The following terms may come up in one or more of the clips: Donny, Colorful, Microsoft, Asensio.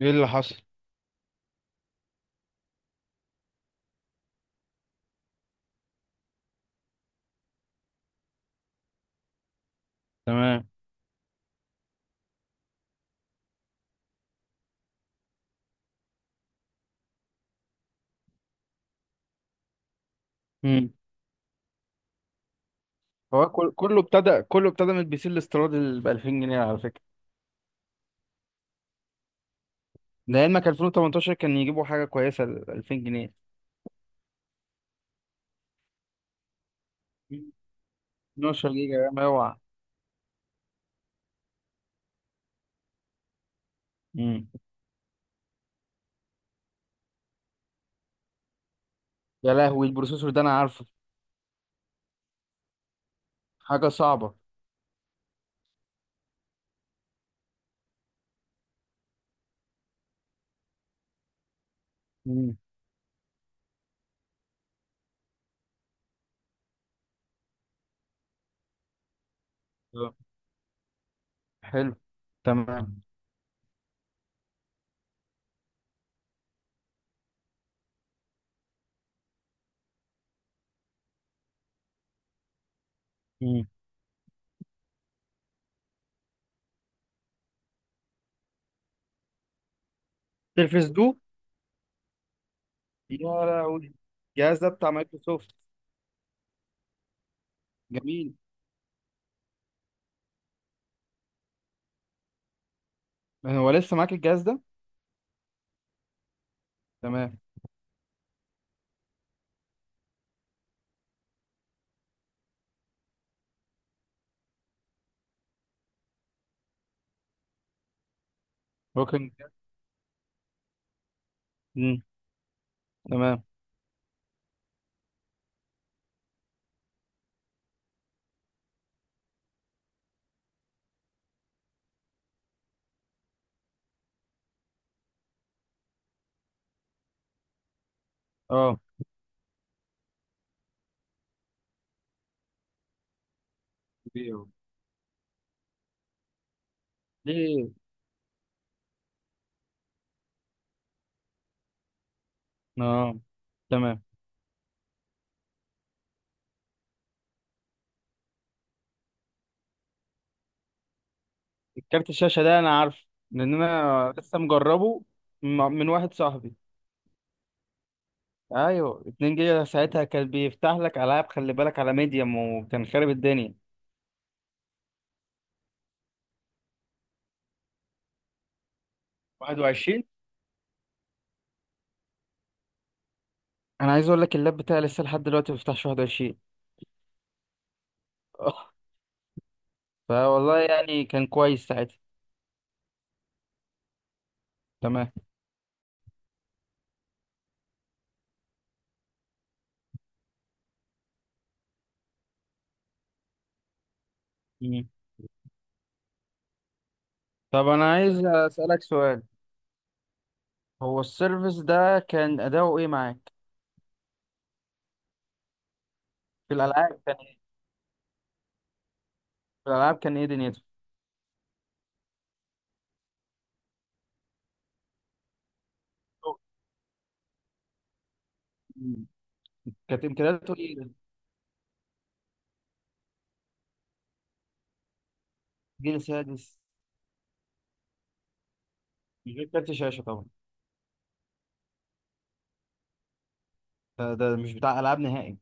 ايه اللي حصل؟ تمام. امم. هو كله ابتدى من البي سي الاستيراد اللي ب 2000 جنيه على فكره. لعلمك 2018 كان يجيبوا حاجه كويسه ل 2000 جنيه. 12 جيجا رام اوعى. امم. يا لهوي البروسيسور ده انا عارفه. حاجه صعبه. امم. حلو. تمام. امم. تلفز دو. يا لهوي الجهاز ده بتاع مايكروسوفت. جميل. هو لسه معاك الجهاز ده؟ تمام. هو كان. امم. تمام. اه. ليه؟ اه. تمام. كارت الشاشة ده أنا عارف لأن أنا لسه مجربه م- من واحد صاحبي. أيوه 2 جيجا ساعتها كان بيفتح لك ألعاب، خلي بالك على ميديم، وكان خارب الدنيا. 21. أنا عايز أقول لك اللاب بتاعي لسه لحد دلوقتي ما بيفتحش 21. آه. فوالله يعني كان كويس ساعتها. تمام. مم. طب أنا عايز أسألك سؤال. هو السيرفيس ده كان أداؤه إيه معاك؟ في الألعاب كان إيه؟ في الألعاب كان إيه دنيته؟ مم. كانت إمكانياته إيه؟ جيل سادس. من غير كارت شاشة طبعا. ده مش بتاع العاب نهائي.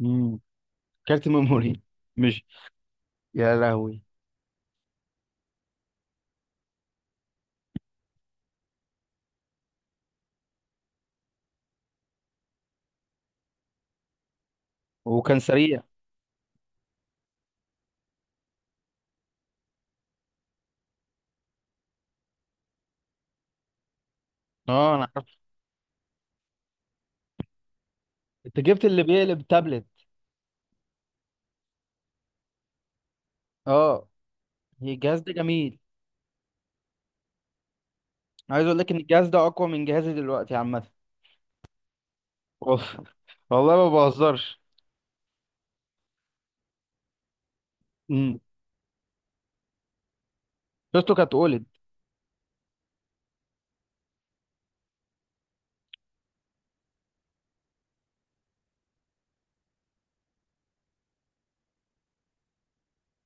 امم. كارت ميموري. مش. يا لهوي. وكان سريع. اه انا عارف. انت جبت اللي بيقلب تابلت. اه. هي الجهاز ده جميل. عايز اقول لك ان الجهاز ده اقوى من جهازي دلوقتي عامه. اوف. والله ما بهزرش. امم. شفته كانت اولد.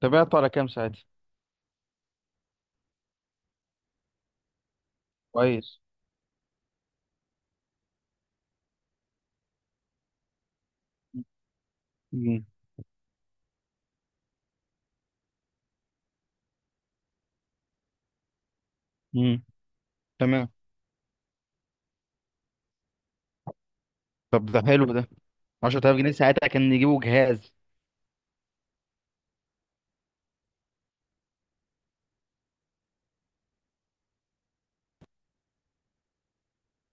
تابعته على كام ساعتها؟ كويس. امم. امم. تمام. طب ده حلو ده. 10000 جنيه ساعتها كان يجيبوا جهاز.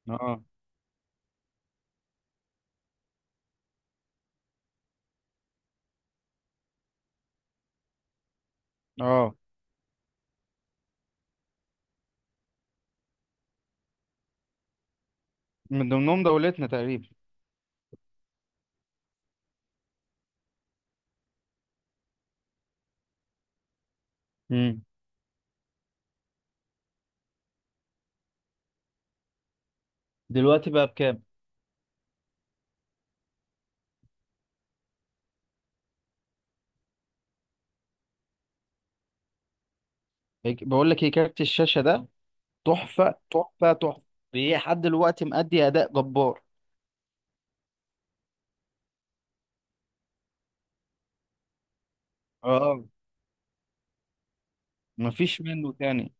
اه. اه. من ضمنهم دولتنا تقريبا. امم. دلوقتي بقى بكام؟ بقول لك ايه كارت الشاشه ده. تحفه تحفه تحفه. لحد دلوقتي مأدي اداء جبار. اه. مفيش منه تاني.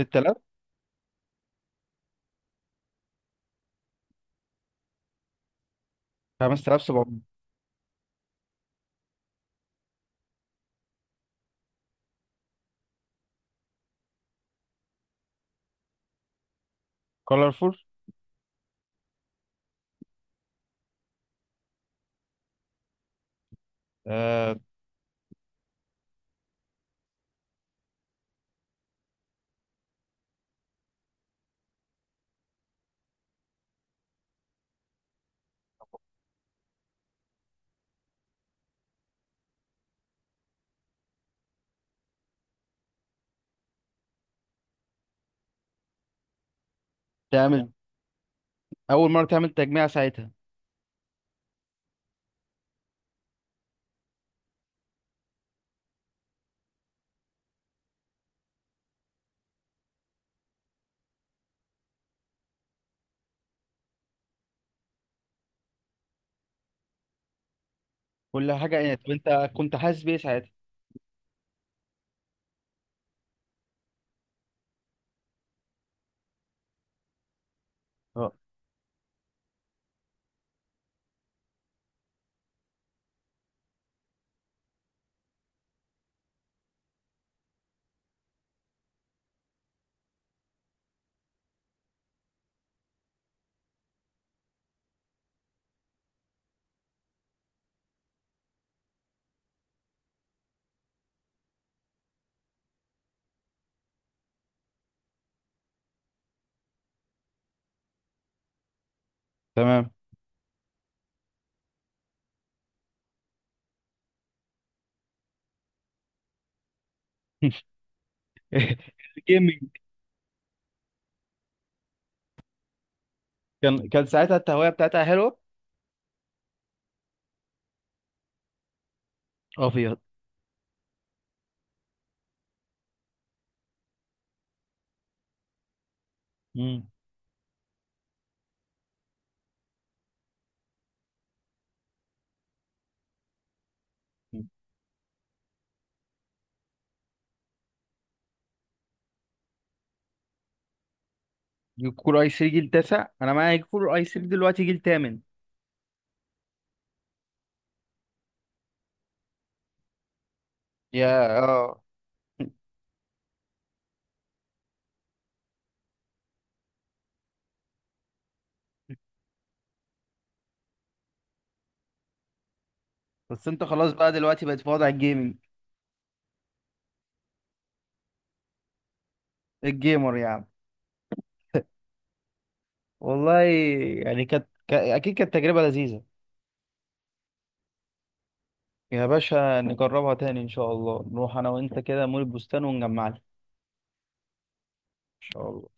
6000. 5700. كولرفول. آه. تعمل. اول مره تعمل تجميع ساعتها. كل حاجه يعني طب انت كنت حاسس بايه ساعتها؟ اه. تمام. الجيمنج. كان ساعتها التهويه بتاعتها حلوه. ابيض. مم. جيل كور اي 3 جيل تاسع، انا معايا جيل كور اي 3 دلوقتي جيل تامن. يا اه. بس انت خلاص بقى دلوقتي بقت في وضع الجيمنج. الجيمر يعني. والله. يعني كانت اكيد كانت تجربة لذيذة. يا باشا نجربها تاني ان شاء الله، نروح انا وانت كده مول البستان ونجمعها ان شاء الله.